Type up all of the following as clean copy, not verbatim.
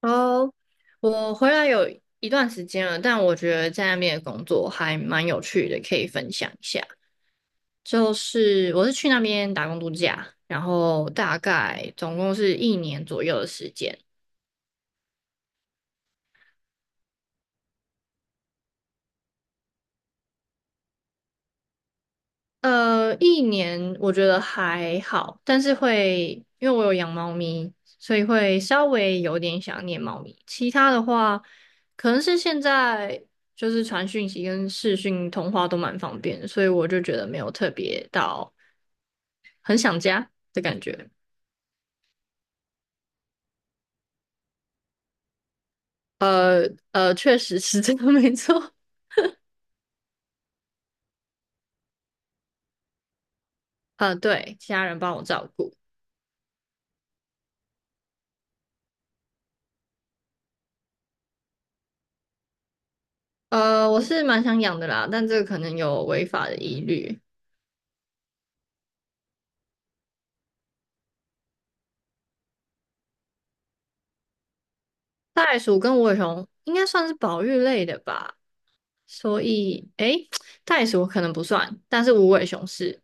哦，我回来有一段时间了，但我觉得在那边的工作还蛮有趣的，可以分享一下。就是我是去那边打工度假，然后大概总共是一年左右的时间。一年我觉得还好，但是会因为我有养猫咪，所以会稍微有点想念猫咪。其他的话，可能是现在就是传讯息跟视讯通话都蛮方便的所以我就觉得没有特别到的感觉。呃确实是这个 没错。对，家人帮我照顾。我是蛮想养的啦，但这个可能有违法的疑虑。袋鼠跟无尾熊应该算是保育类的吧。所以，诶，袋鼠可能不算，但是无尾熊是。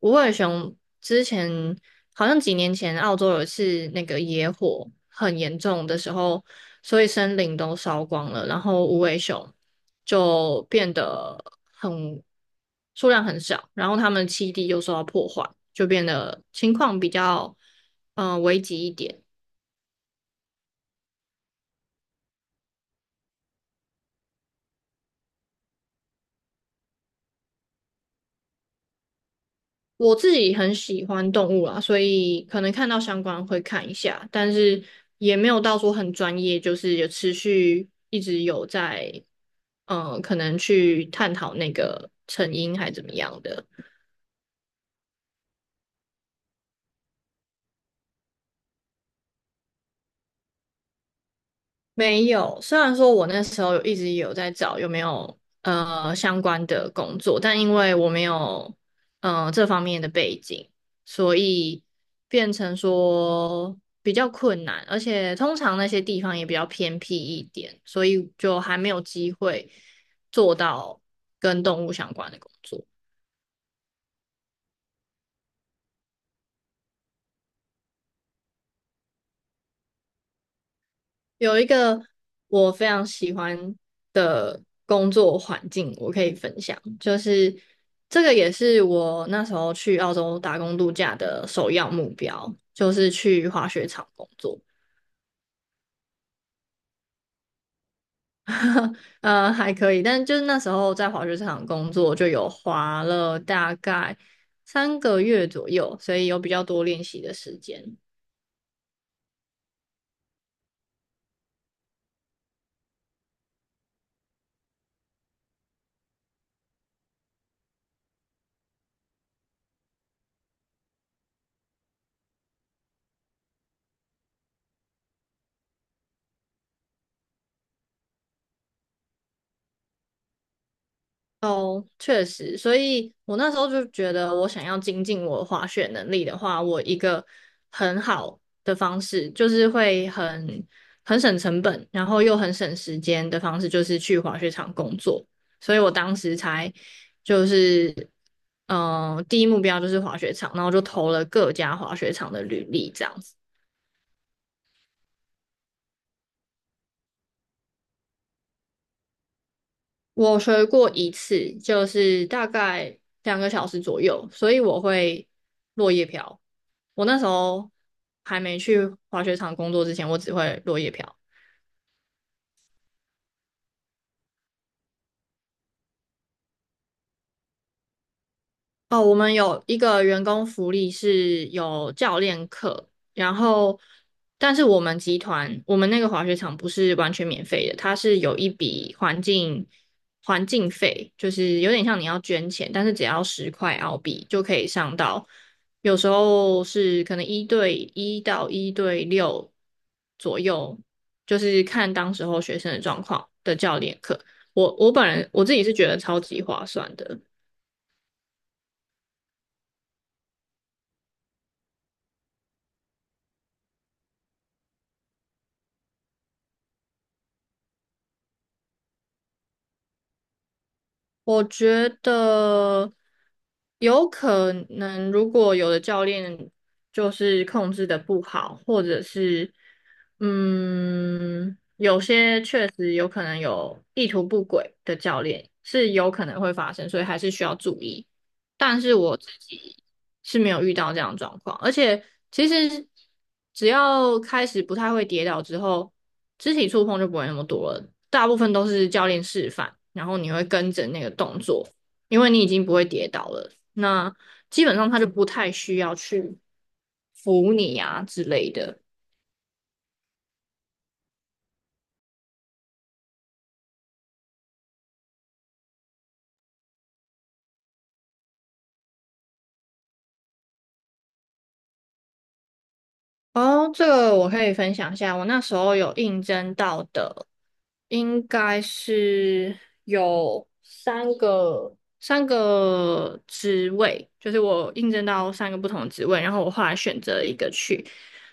无尾熊之前好像几年前，澳洲有一次那个野火很严重的时候，所以森林都烧光了，然后无尾熊就变得很数量很少，然后它们的栖地又受到破坏，就变得情况比较危急一点。我自己很喜欢动物啦，所以可能看到相关会看一下，但是也没有到说很专业，就是有持续一直有在，可能去探讨那个成因还怎么样的。没有，虽然说我那时候有一直有在找有没有相关的工作，但因为我没有这方面的背景，所以变成说比较困难，而且通常那些地方也比较偏僻一点，所以就还没有机会做到跟动物相关的工作。有一个我非常喜欢的工作环境，我可以分享，就是这个也是我那时候去澳洲打工度假的首要目标，就是去滑雪场工作。还可以，但就是那时候在滑雪场工作，就有滑了大概3个月左右，所以有比较多练习的时间。哦，确实，所以我那时候就觉得，我想要精进我的滑雪能力的话，我一个很好的方式就是会很省成本，然后又很省时间的方式，就是去滑雪场工作。所以我当时才就是，第一目标就是滑雪场，然后就投了各家滑雪场的履历，这样子。我学过一次，就是大概2个小时左右，所以我会落叶飘。我那时候还没去滑雪场工作之前，我只会落叶飘。哦，我们有一个员工福利是有教练课，然后，但是我们集团，我们那个滑雪场不是完全免费的，它是有一笔环境费，就是有点像你要捐钱，但是只要10块澳币就可以上到，有时候是可能一对一到一对六左右，就是看当时候学生的状况的教练课。我本人我自己是觉得超级划算的。我觉得有可能，如果有的教练就是控制的不好，或者是有些确实有可能有意图不轨的教练，是有可能会发生，所以还是需要注意。但是我自己是没有遇到这样的状况，而且其实只要开始不太会跌倒之后，肢体触碰就不会那么多了，大部分都是教练示范，然后你会跟着那个动作，因为你已经不会跌倒了，那基本上他就不太需要去扶你啊之类的。哦，这个我可以分享一下。我那时候有应征到的，应该是有三个职位，就是我应征到3个不同的职位，然后我后来选择了一个去。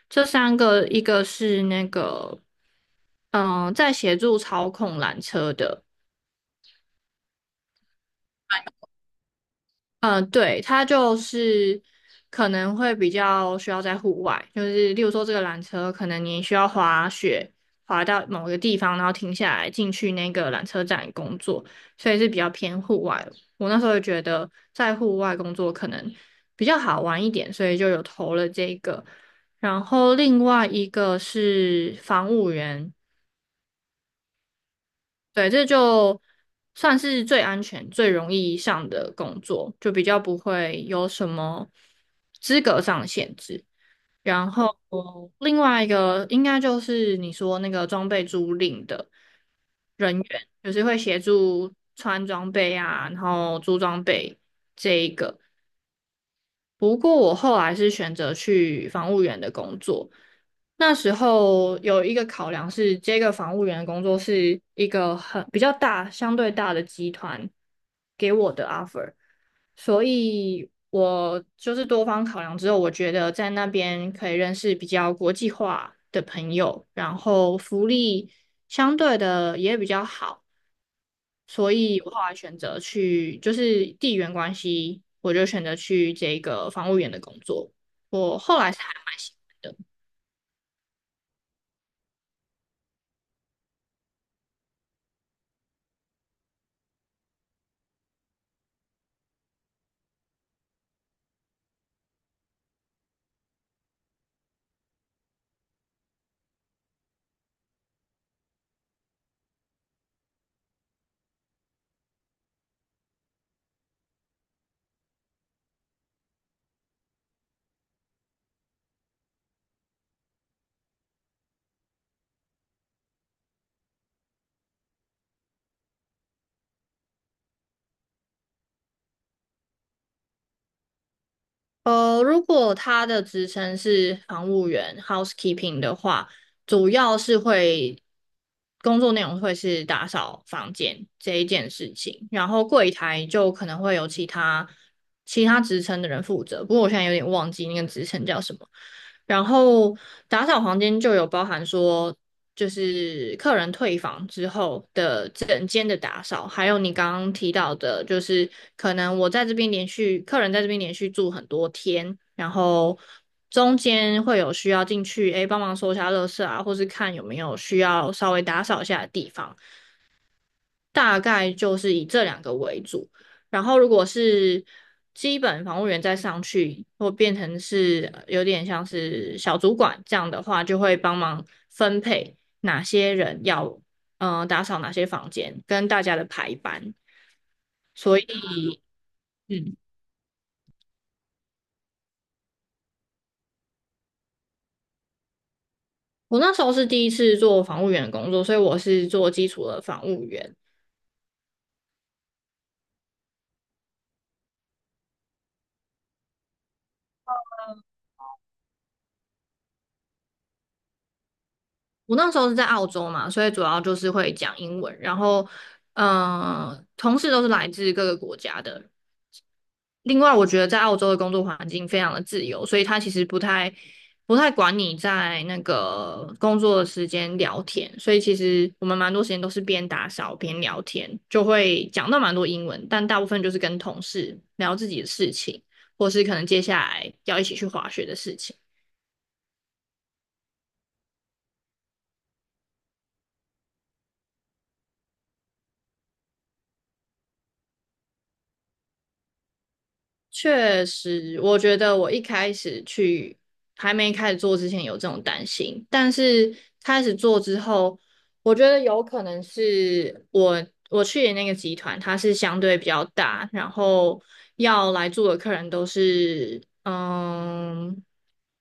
这三个，一个是那个在协助操控缆车的，嗯，对，它就是可能会比较需要在户外，就是例如说这个缆车，可能你需要滑雪，滑到某个地方，然后停下来进去那个缆车站工作，所以是比较偏户外。我那时候就觉得在户外工作可能比较好玩一点，所以就有投了这个。然后另外一个是防务员，对，这就算是最安全、最容易上的工作，就比较不会有什么资格上的限制。然后另外一个应该就是你说那个装备租赁的人员，就是会协助穿装备啊，然后租装备这一个。不过我后来是选择去防务员的工作，那时候有一个考量是，这个房务员的工作是一个很比较大、相对大的集团给我的 offer，所以我就是多方考量之后，我觉得在那边可以认识比较国际化的朋友，然后福利相对的也比较好，所以我后来选择去，就是地缘关系，我就选择去这个房务员的工作。我后来是还蛮喜呃，如果他的职称是房务员 （housekeeping） 的话，主要是会工作内容会是打扫房间这一件事情，然后柜台就可能会有其他职称的人负责。不过我现在有点忘记那个职称叫什么。然后打扫房间就有包含说就是客人退房之后的整间的打扫，还有你刚刚提到的，就是可能我在这边连续客人在这边连续住很多天，然后中间会有需要进去，哎帮忙收一下垃圾啊，或是看有没有需要稍微打扫一下的地方。大概就是以这两个为主。然后如果是基本防务员再上去，或变成是有点像是小主管这样的话，就会帮忙分配哪些人要打扫哪些房间，跟大家的排班。所以，嗯，我那时候是第一次做防务员的工作，所以我是做基础的防务员。我那时候是在澳洲嘛，所以主要就是会讲英文，然后，嗯、同事都是来自各个国家的，另外，我觉得在澳洲的工作环境非常的自由，所以他其实不太管你在那个工作的时间聊天，所以其实我们蛮多时间都是边打扫边聊天，就会讲到蛮多英文，但大部分就是跟同事聊自己的事情，或是可能接下来要一起去滑雪的事情。确实，我觉得我一开始去还没开始做之前有这种担心，但是开始做之后，我觉得有可能是我去的那个集团，它是相对比较大，然后要来住的客人都是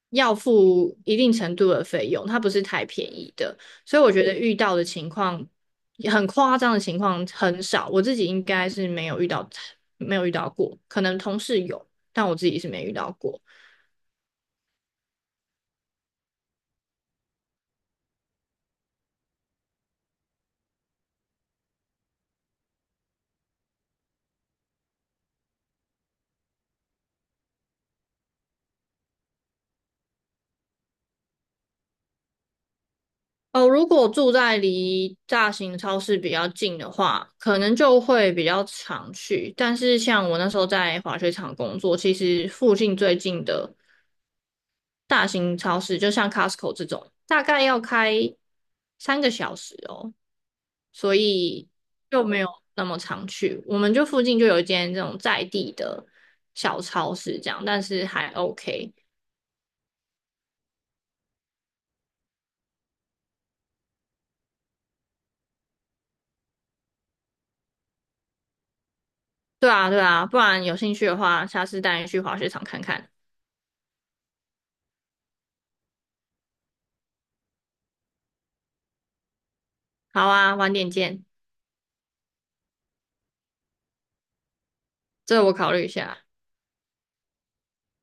要付一定程度的费用，它不是太便宜的，所以我觉得遇到的情况很夸张的情况很少，我自己应该是没有遇到，没有遇到过，可能同事有，但我自己是没遇到过。哦，如果住在离大型超市比较近的话，可能就会比较常去。但是像我那时候在滑雪场工作，其实附近最近的大型超市，就像 Costco 这种，大概要开3个小时哦，所以就没有那么常去。我们就附近就有一间这种在地的小超市，这样，但是还 OK。对啊，对啊，不然有兴趣的话，下次带你去滑雪场看看。好啊，晚点见，这我考虑一下。